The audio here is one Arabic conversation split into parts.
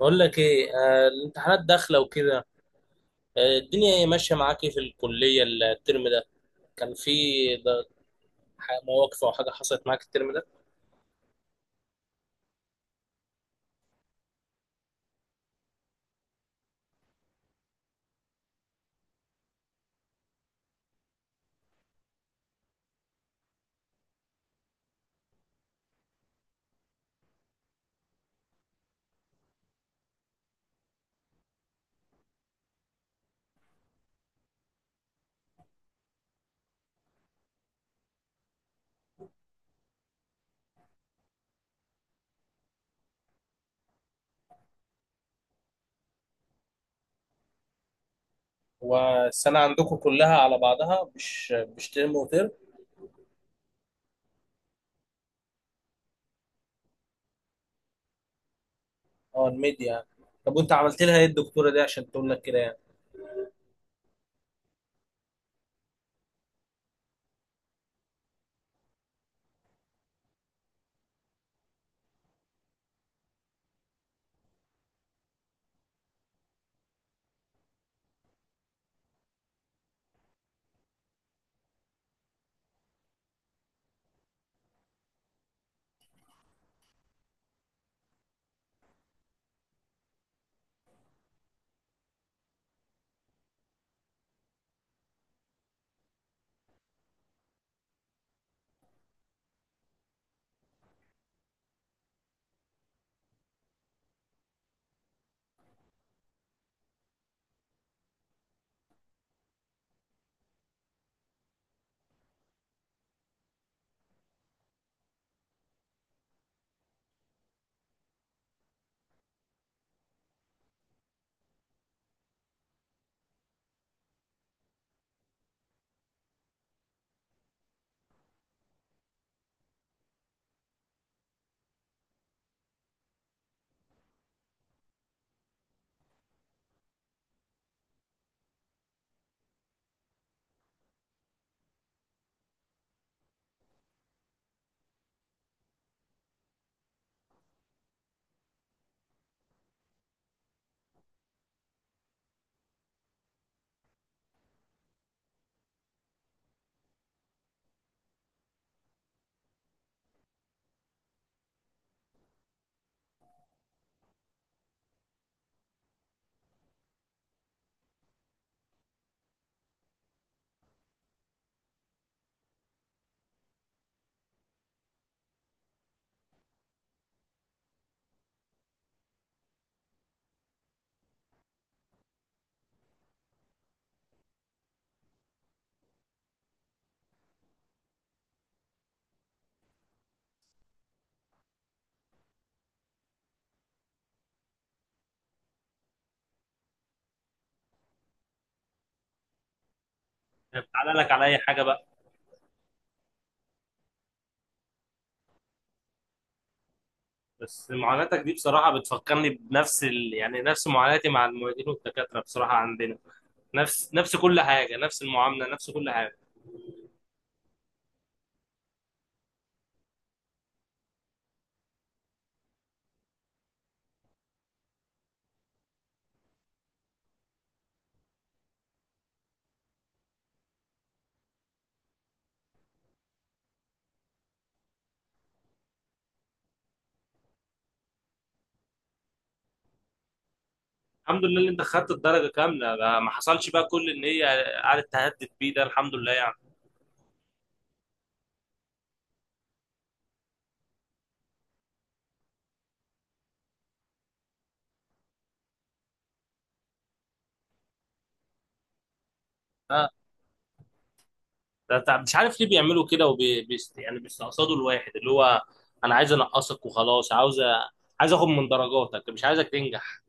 بقول لك ايه، الامتحانات داخله وكده. آه، الدنيا ايه ماشيه معاك؟ إيه في الكليه الترم ده؟ كان في ده- مواقف او حاجه حصلت معاك الترم ده؟ والسنه عندكم كلها على بعضها، مش ترم وترم؟ اه الميديا يعني. طب وانت عملت لها ايه الدكتوره دي عشان تقول لك كده يعني؟ تعالى لك على اي حاجه بقى. بس معاناتك دي بصراحه بتفكرني بنفس يعني نفس معاناتي مع المعيدين والدكاتره بصراحه عندنا. نفس كل حاجه، نفس المعامله، نفس كل حاجه. الحمد لله ان انت خدت الدرجه كامله، ده ما حصلش بقى، كل ان هي قعدت تهدد بيه ده الحمد لله يعني. آه. ده مش عارف ليه بيعملوا كده، وبي بي يعني بيستقصدوا الواحد، اللي هو انا عايز انقصك وخلاص، عايز اخد من درجاتك، مش عايزك تنجح.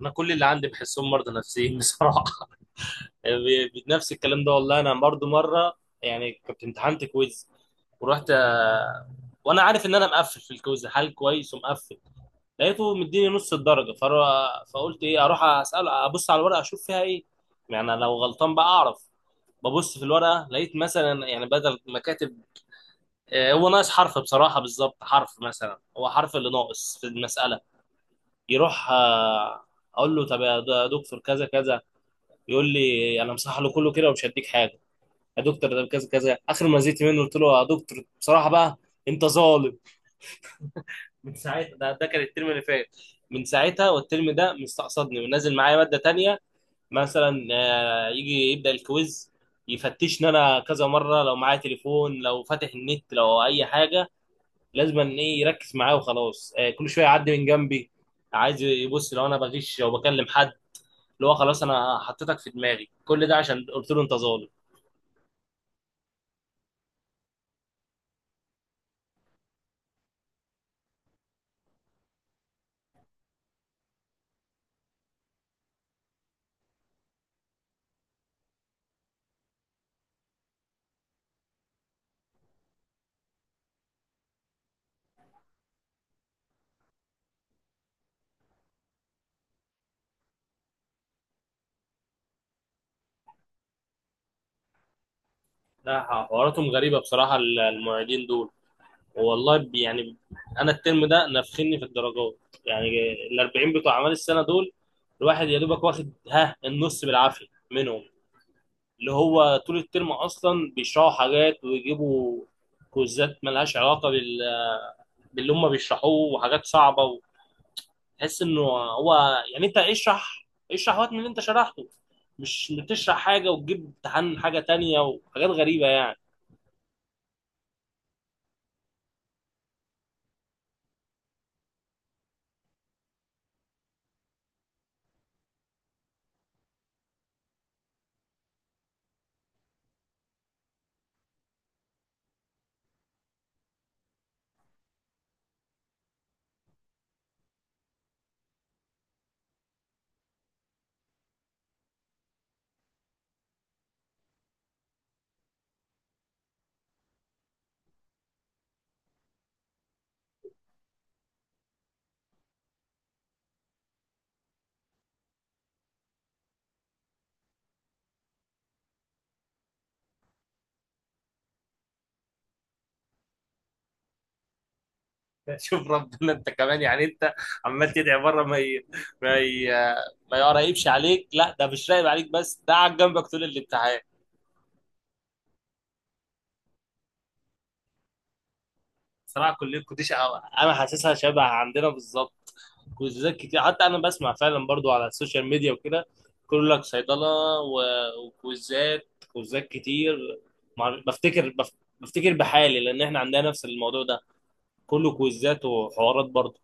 انا كل اللي عندي بحسهم مرضى نفسيين بصراحه. نفس الكلام ده والله. انا برضو مره يعني كنت امتحنت كويز ورحت، وانا عارف ان انا مقفل في الكويز، حال كويس ومقفل. لقيته مديني نص الدرجه، فقلت ايه، اروح اسال ابص على الورقه اشوف فيها ايه، يعني لو غلطان بقى اعرف. ببص في الورقه، لقيت مثلا يعني بدل ما كاتب، هو ناقص حرف بصراحه، بالظبط حرف، مثلا هو حرف اللي ناقص في المساله. يروح، اقول له طب يا دكتور كذا كذا. يقول لي انا مصحح له كله كده ومش هديك حاجه. يا دكتور ده كذا كذا، اخر ما زيت منه قلت له يا دكتور بصراحه بقى انت ظالم. من ساعتها، ده كان الترم اللي فات. من ساعتها والترم ده مستقصدني ونازل معايا ماده تانية. مثلا، آه، يجي يبدا الكويز يفتشني انا كذا مره، لو معايا تليفون، لو فاتح النت، لو اي حاجه. لازم ان ايه يركز معايا وخلاص. آه، كل شويه يعدي من جنبي عايز يبص لو انا بغش او بكلم حد. اللي هو خلاص انا حطيتك في دماغي، كل ده عشان قلت له انت ظالم. لا، حواراتهم غريبه بصراحه المعيدين دول. والله، يعني انا الترم ده نفخني في الدرجات يعني. ال 40 بتوع اعمال السنه دول، الواحد يا دوبك واخد ها النص بالعافيه منهم. اللي هو طول الترم اصلا بيشرحوا حاجات ويجيبوا كوزات ملهاش علاقه باللي هم بيشرحوه، وحاجات صعبه، وتحس انه هو يعني انت اشرح، اشرح وقت من اللي انت شرحته، مش بتشرح حاجه وتجيب امتحان حاجه تانية وحاجات غريبه يعني. شوف ربنا انت كمان يعني، انت عمال تدعي بره ما ي... ما يقريبش عليك، لا ده مش راقب عليك بس، ده قاعد جنبك طول الامتحان. صراحه كليه القديش انا حاسسها شبه عندنا بالظبط، كويزات كتير. حتى انا بسمع فعلا برضو على السوشيال ميديا وكده، كل لك صيدله وكويزات، كتير. مع- بفتكر بف- بفتكر بحالي لان احنا عندنا نفس الموضوع ده، كله كويزات وحوارات برضو.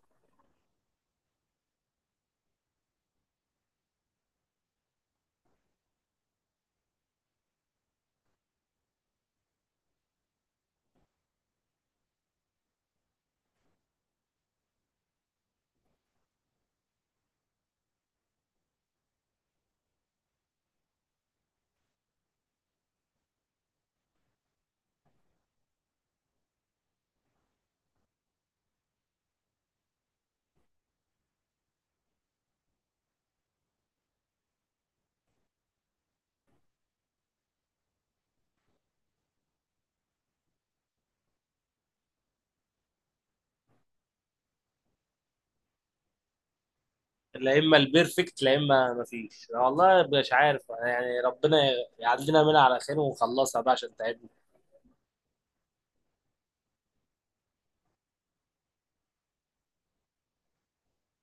لا اما البيرفكت لا اما مفيش. أنا والله مش عارف، يعني ربنا يعدينا منها على خير ونخلصها بقى عشان تعب.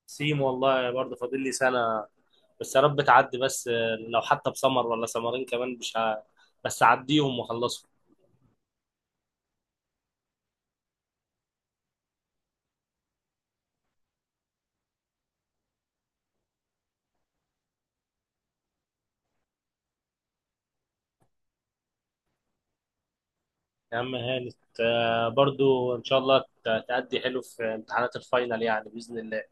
سيم والله، برضه فاضل لي سنة، بس يا رب تعدي بس. لو حتى بسمر ولا سمرين كمان مش ه... بس أعديهم وأخلصهم. يا عم هانت، آه، برضه إن شاء الله تأدي حلو في امتحانات الفاينل يعني بإذن الله.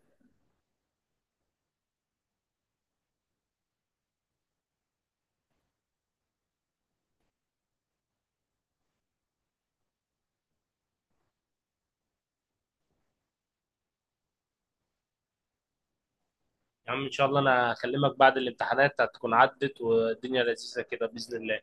يا عم إن شاء الله أنا هكلمك بعد الامتحانات هتكون عدت والدنيا لذيذة كده بإذن الله.